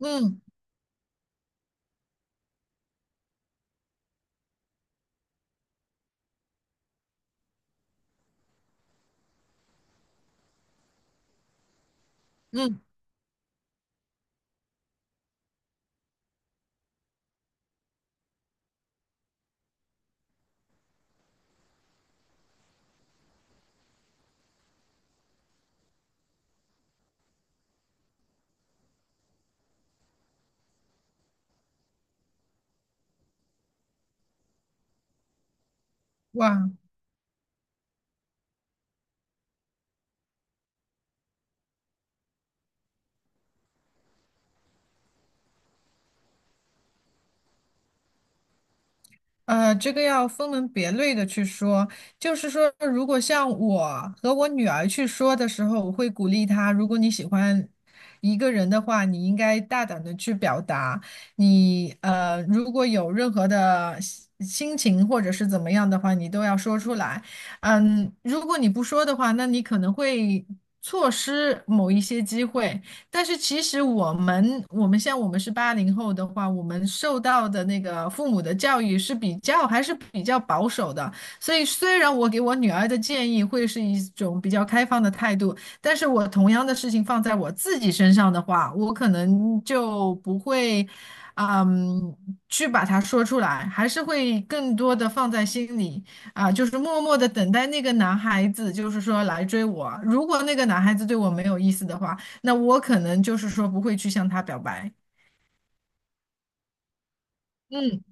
嗯嗯，哇，这个要分门别类的去说。就是说，如果像我和我女儿去说的时候，我会鼓励她，如果你喜欢一个人的话，你应该大胆的去表达。你如果有任何的心情或者是怎么样的话，你都要说出来。嗯，如果你不说的话，那你可能会错失某一些机会。但是其实我们像我们是80后的话，我们受到的那个父母的教育是比较还是比较保守的，所以虽然我给我女儿的建议会是一种比较开放的态度，但是我同样的事情放在我自己身上的话，我可能就不会，嗯，去把它说出来，还是会更多的放在心里。啊，就是默默的等待那个男孩子，就是说来追我。如果那个男孩子对我没有意思的话，那我可能就是说不会去向他表白。嗯，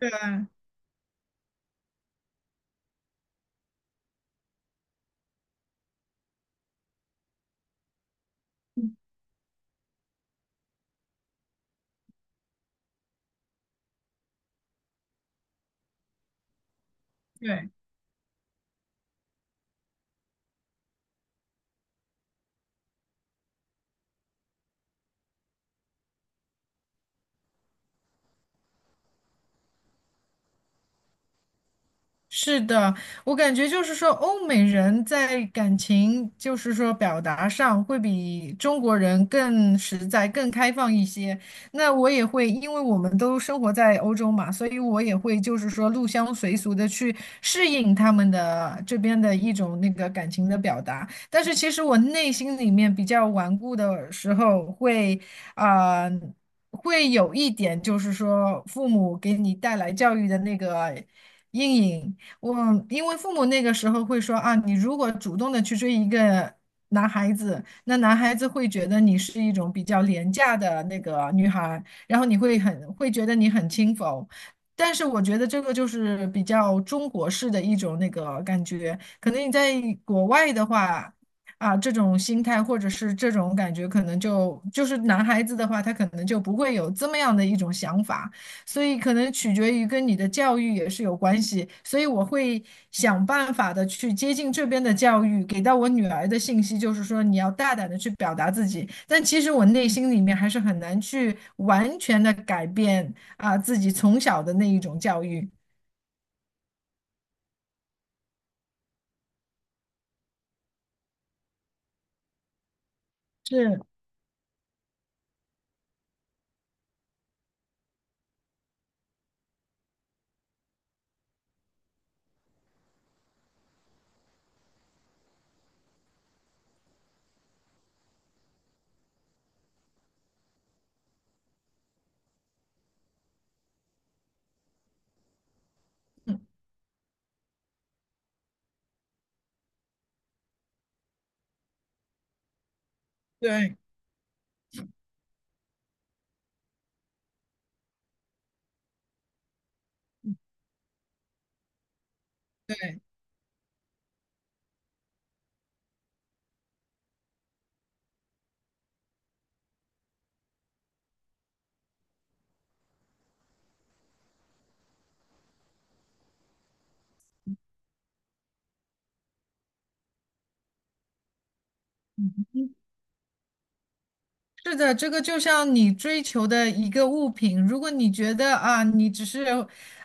对对。是的，我感觉就是说，欧美人在感情，就是说表达上会比中国人更实在、更开放一些。那我也会，因为我们都生活在欧洲嘛，所以我也会就是说入乡随俗的去适应他们的这边的一种那个感情的表达。但是其实我内心里面比较顽固的时候会，啊。会有一点，就是说父母给你带来教育的那个阴影，我因为父母那个时候会说啊，你如果主动的去追一个男孩子，那男孩子会觉得你是一种比较廉价的那个女孩，然后你会很会觉得你很轻浮。但是我觉得这个就是比较中国式的一种那个感觉，可能你在国外的话，啊，这种心态或者是这种感觉，可能就是男孩子的话，他可能就不会有这么样的一种想法。所以可能取决于跟你的教育也是有关系，所以我会想办法的去接近这边的教育，给到我女儿的信息就是说你要大胆的去表达自己，但其实我内心里面还是很难去完全的改变啊、自己从小的那一种教育。是，嗯对。是的，这个就像你追求的一个物品，如果你觉得啊，你只是，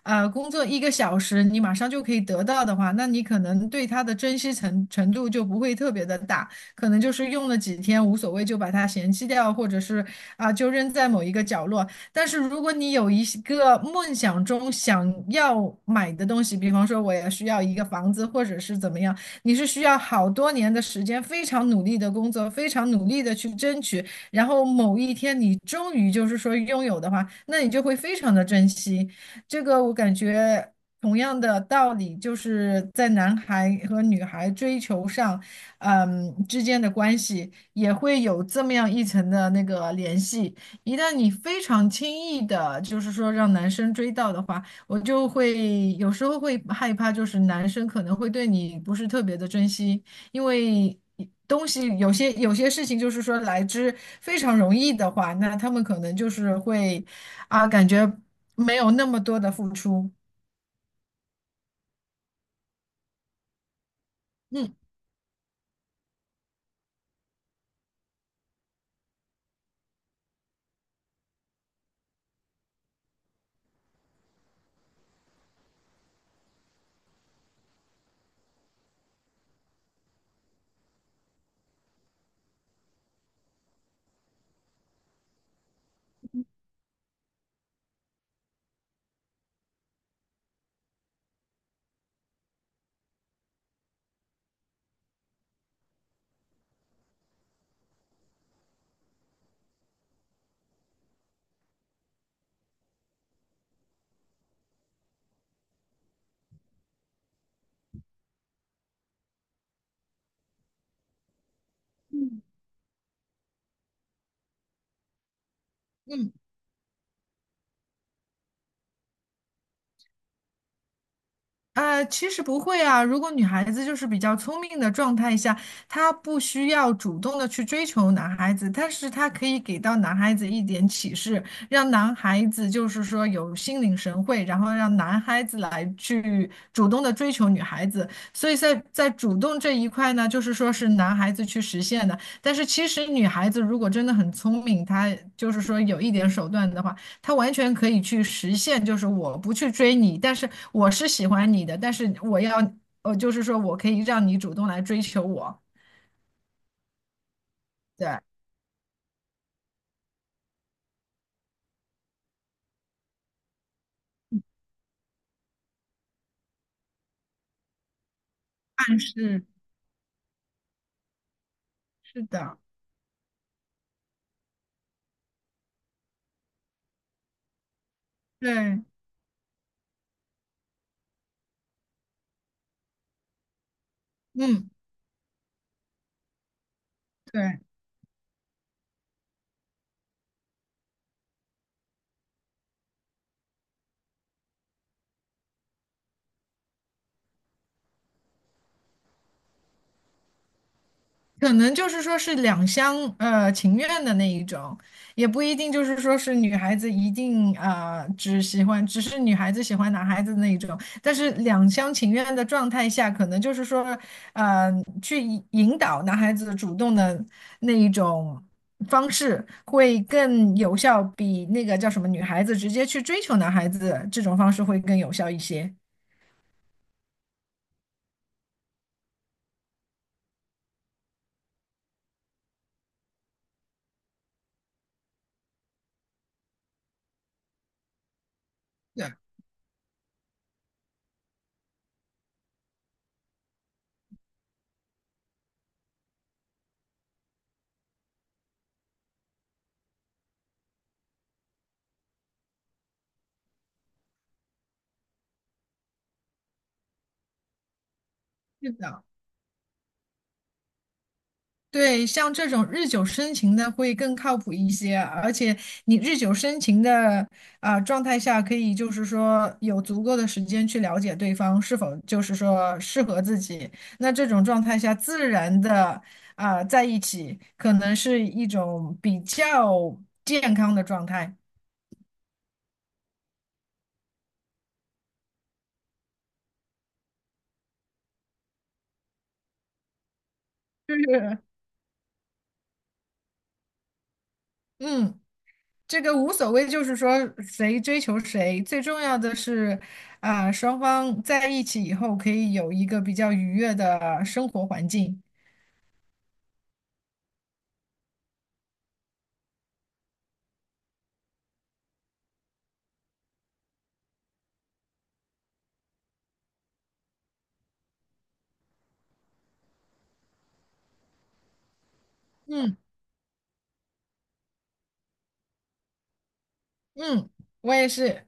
工作1个小时，你马上就可以得到的话，那你可能对它的珍惜程度就不会特别的大，可能就是用了几天无所谓，就把它嫌弃掉，或者是啊，就扔在某一个角落。但是如果你有一些个梦想中想要买的东西，比方说我也需要一个房子，或者是怎么样，你是需要好多年的时间，非常努力的工作，非常努力的去争取。然后某一天你终于就是说拥有的话，那你就会非常的珍惜。这个我感觉同样的道理，就是在男孩和女孩追求上，嗯之间的关系也会有这么样一层的那个联系。一旦你非常轻易的，就是说让男生追到的话，我就会有时候会害怕，就是男生可能会对你不是特别的珍惜。因为东西有些事情就是说来之非常容易的话，那他们可能就是会啊，感觉没有那么多的付出。嗯嗯。其实不会啊。如果女孩子就是比较聪明的状态下，她不需要主动的去追求男孩子，但是她可以给到男孩子一点启示，让男孩子就是说有心领神会，然后让男孩子来去主动的追求女孩子。所以在主动这一块呢，就是说是男孩子去实现的。但是其实女孩子如果真的很聪明，她就是说有一点手段的话。他完全可以去实现，就是我不去追你，但是我是喜欢你的，但是我要，就是说我可以让你主动来追求我，对，暗示，是的，对，嗯，对。可能就是说是两厢情愿的那一种，也不一定就是说是女孩子一定只喜欢，只是女孩子喜欢男孩子的那一种。但是两厢情愿的状态下，可能就是说呃去引导男孩子主动的那一种方式会更有效，比那个叫什么女孩子直接去追求男孩子这种方式会更有效一些。对，是的。对，像这种日久生情的会更靠谱一些，而且你日久生情的啊、状态下，可以就是说有足够的时间去了解对方是否就是说适合自己。那这种状态下，自然的啊、在一起，可能是一种比较健康的状态。就是嗯。这个无所谓，就是说谁追求谁，最重要的是，啊、双方在一起以后可以有一个比较愉悦的生活环境。嗯，我也是。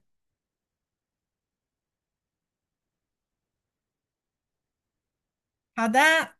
好的。